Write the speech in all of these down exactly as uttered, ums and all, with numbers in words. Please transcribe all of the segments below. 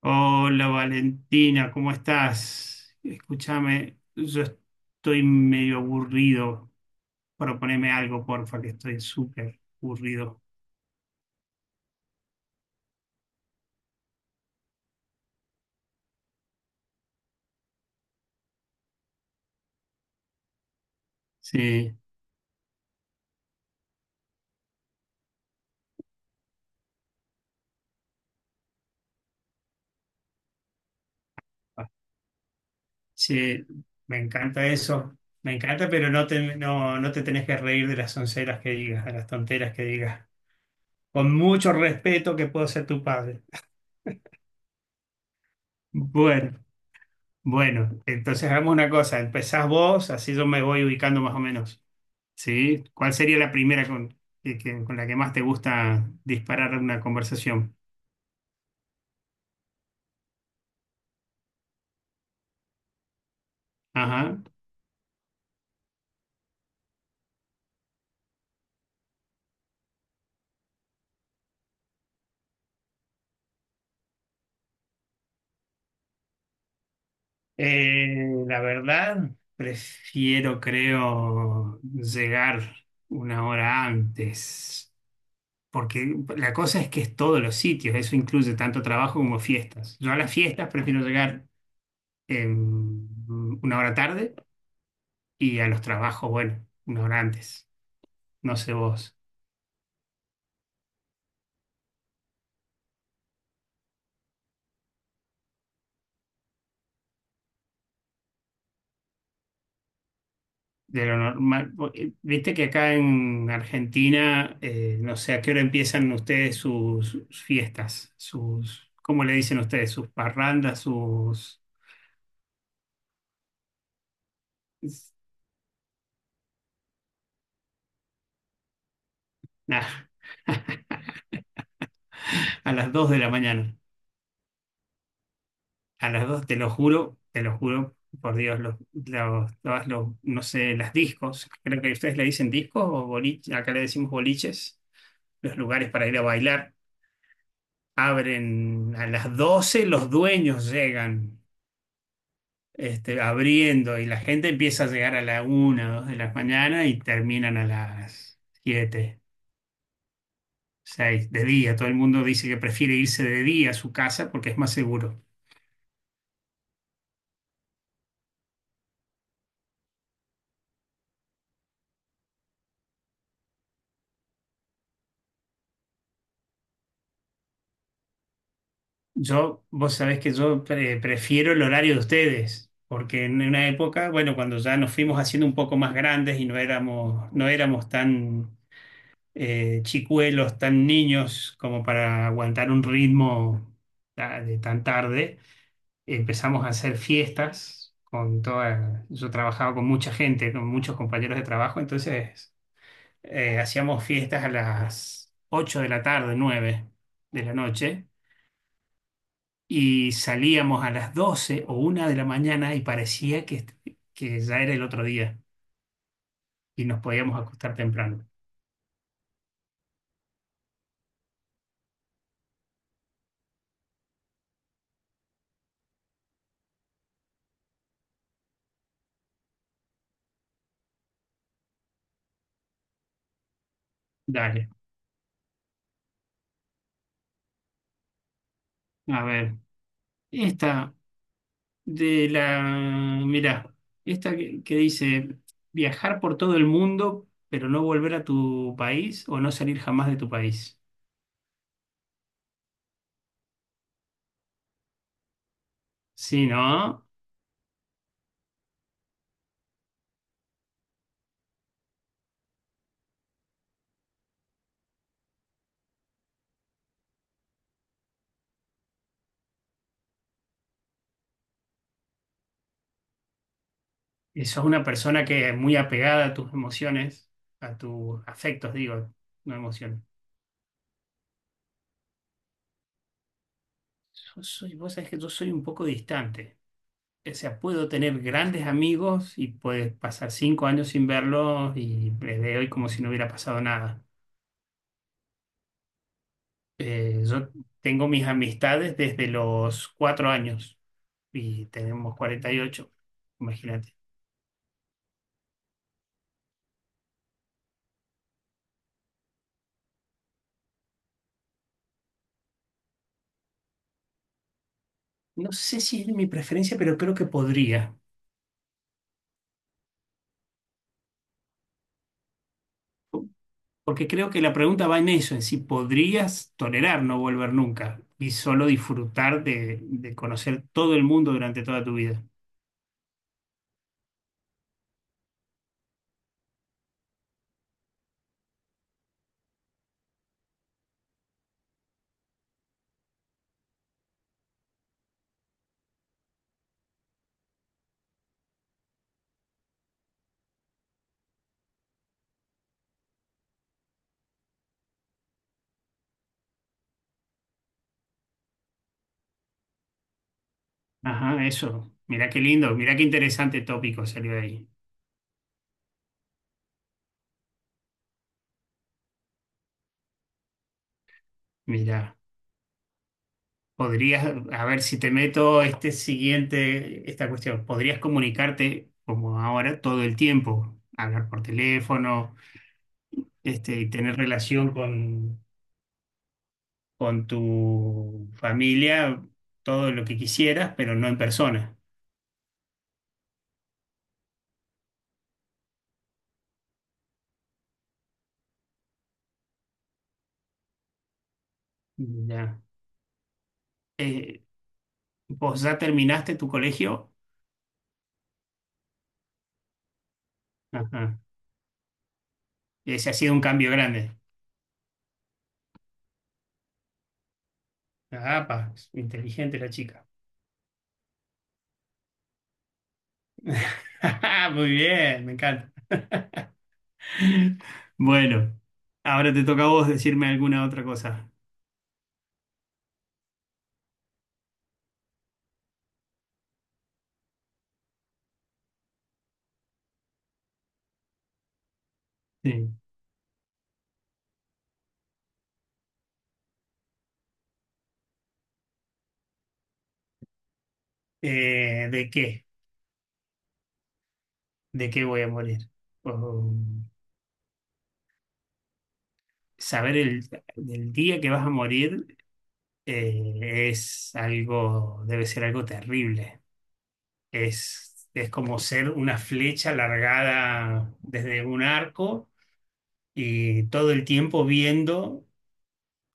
Hola Valentina, ¿cómo estás? Escúchame, yo estoy medio aburrido. Proponeme algo, porfa, que estoy súper aburrido. Sí, sí, me encanta eso. Me encanta, pero no te, no, no te tenés que reír de las onceras que digas, de las tonteras que digas. Con mucho respeto que puedo ser tu padre. Bueno, bueno, entonces hagamos una cosa. Empezás vos, así yo me voy ubicando más o menos. ¿Sí? ¿Cuál sería la primera con, que- que- con la que más te gusta disparar una conversación? Ajá. Eh, la verdad, prefiero, creo, llegar una hora antes, porque la cosa es que es todos los sitios, eso incluye tanto trabajo como fiestas. Yo a las fiestas prefiero llegar em, una hora tarde y a los trabajos, bueno, una hora antes. No sé vos. De lo normal. Viste que acá en Argentina, eh, no sé a qué hora empiezan ustedes sus, sus fiestas, sus, ¿cómo le dicen ustedes? Sus parrandas, sus... Nah. A las dos de la mañana. A las dos te lo juro, te lo juro, por Dios, los, los- todas los- no sé, las discos. Creo que ustedes le dicen discos o boliches, acá le decimos boliches, los lugares para ir a bailar. Abren a las doce, los dueños llegan este, abriendo, y la gente empieza a llegar a la una, dos de la mañana y terminan a las siete, seis de día. Todo el mundo dice que prefiere irse de día a su casa porque es más seguro. Yo, vos sabés que yo pre- prefiero el horario de ustedes, porque en una época, bueno, cuando ya nos fuimos haciendo un poco más grandes y no éramos, no éramos tan eh, chicuelos, tan niños como para aguantar un ritmo, ah, de tan tarde empezamos a hacer fiestas con toda, Yo trabajaba con mucha gente, con muchos compañeros de trabajo, entonces eh, hacíamos fiestas a las ocho de la tarde, nueve de la noche, y salíamos a las doce o una de la mañana y parecía que, que ya era el otro día y nos podíamos acostar temprano. Dale, a ver, esta de la, mirá, esta que, que dice viajar por todo el mundo, pero no volver a tu país o no salir jamás de tu país. Sí, ¿no? Eso es una persona que es muy apegada a tus emociones, a tus afectos, digo, no emociones. Yo soy, vos sabés que yo soy un poco distante. O sea, puedo tener grandes amigos y puedes pasar cinco años sin verlos y les veo hoy como si no hubiera pasado nada. Eh, yo tengo mis amistades desde los cuatro años, y tenemos cuarenta y ocho, imagínate. No sé si es mi preferencia, pero creo que podría, porque creo que la pregunta va en eso, en si podrías tolerar no volver nunca y solo disfrutar de, de conocer todo el mundo durante toda tu vida. Ajá, eso. Mirá qué lindo, mirá qué interesante tópico salió de ahí. Mirá, podrías, a ver si te meto este siguiente, esta cuestión, podrías comunicarte como ahora todo el tiempo, hablar por teléfono, este, y tener relación con, con tu familia, todo lo que quisieras, pero no en persona. Ya. Eh, ¿Vos ya terminaste tu colegio? Ajá. Ese ha sido un cambio grande. Ah, pa, es inteligente la chica. Muy bien, me encanta. Bueno, ahora te toca a vos decirme alguna otra cosa. Sí. Eh, ¿de qué? ¿De qué voy a morir? O saber el, del día que vas a morir, eh, es algo, debe ser algo terrible. Es, es como ser una flecha largada desde un arco y todo el tiempo viendo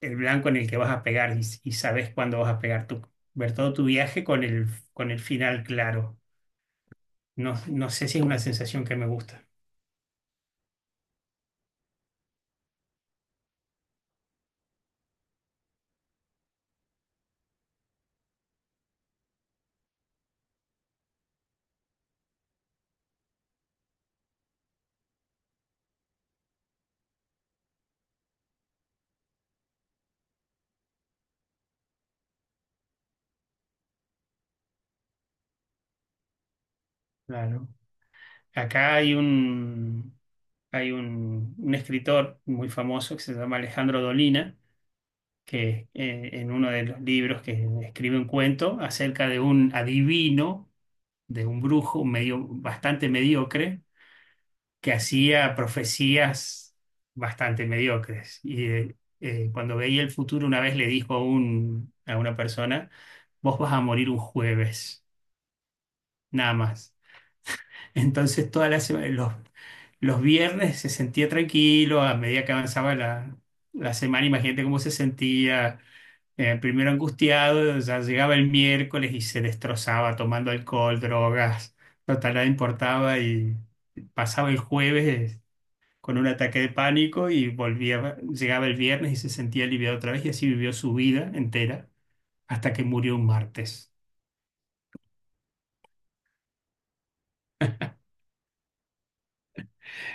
el blanco en el que vas a pegar y, y sabes cuándo vas a pegar tú. Ver todo tu viaje con el, con el final claro. No, no sé si es una sensación que me gusta. Claro. Acá hay un, hay un, un escritor muy famoso que se llama Alejandro Dolina que, eh, en uno de los libros, que escribe un cuento acerca de un adivino, de un brujo medio, bastante mediocre, que hacía profecías bastante mediocres. Y eh, eh, cuando veía el futuro, una vez le dijo a, un- a una persona: vos vas a morir un jueves, nada más. Entonces, todas las sema- los, los viernes se sentía tranquilo; a medida que avanzaba la, la semana, imagínate cómo se sentía, eh, primero angustiado, ya llegaba el miércoles y se destrozaba tomando alcohol, drogas, total, nada importaba, y pasaba el jueves, eh, con un ataque de pánico, y volvía, llegaba el viernes y se sentía aliviado otra vez, y así vivió su vida entera hasta que murió un martes.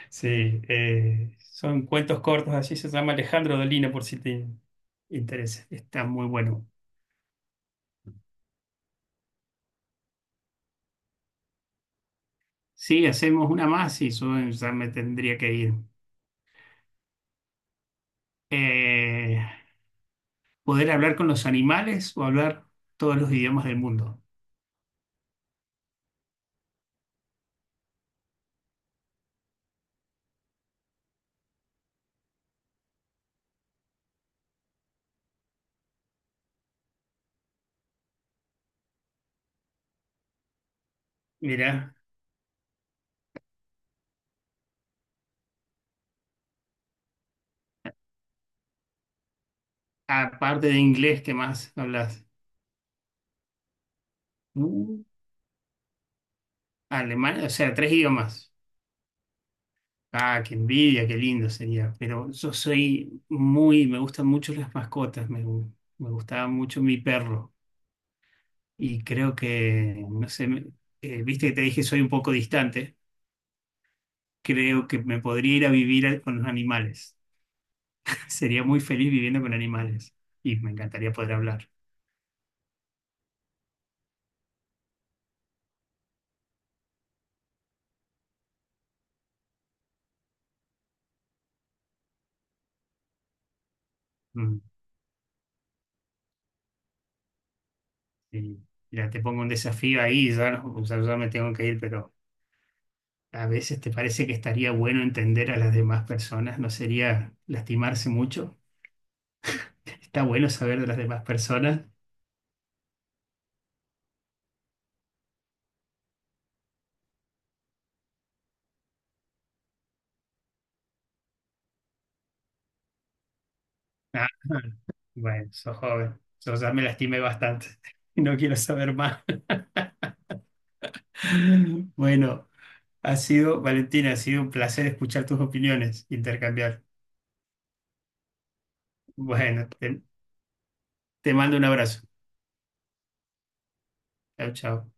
Sí, eh, son cuentos cortos, así se llama Alejandro Dolina, por si te interesa, está muy bueno. Sí, hacemos una más y yo ya me tendría que ir. Eh, Poder hablar con los animales o hablar todos los idiomas del mundo. Mirá, aparte de inglés, ¿qué más hablas? Uh, Alemán, o sea, tres idiomas. Ah, qué envidia, qué lindo sería. Pero yo soy muy, me gustan mucho las mascotas, me, gu- me gustaba mucho mi perro. Y creo que, no sé, me- eh, viste que te dije soy un poco distante, creo que me podría ir a vivir a- con los animales. Sería muy feliz viviendo con animales y me encantaría poder hablar. Mm. Sí, ya te pongo un desafío ahí, ya, no- o sea, ya me tengo que ir, pero a veces te parece que estaría bueno entender a las demás personas, no sería lastimarse mucho. Está bueno saber de las demás personas. Ah, bueno, sos joven, yo ya me lastimé bastante y no quiero saber más. Bueno, ha sido, Valentina, ha sido un placer escuchar tus opiniones, intercambiar. Bueno, te, te mando un abrazo. Chao, chao.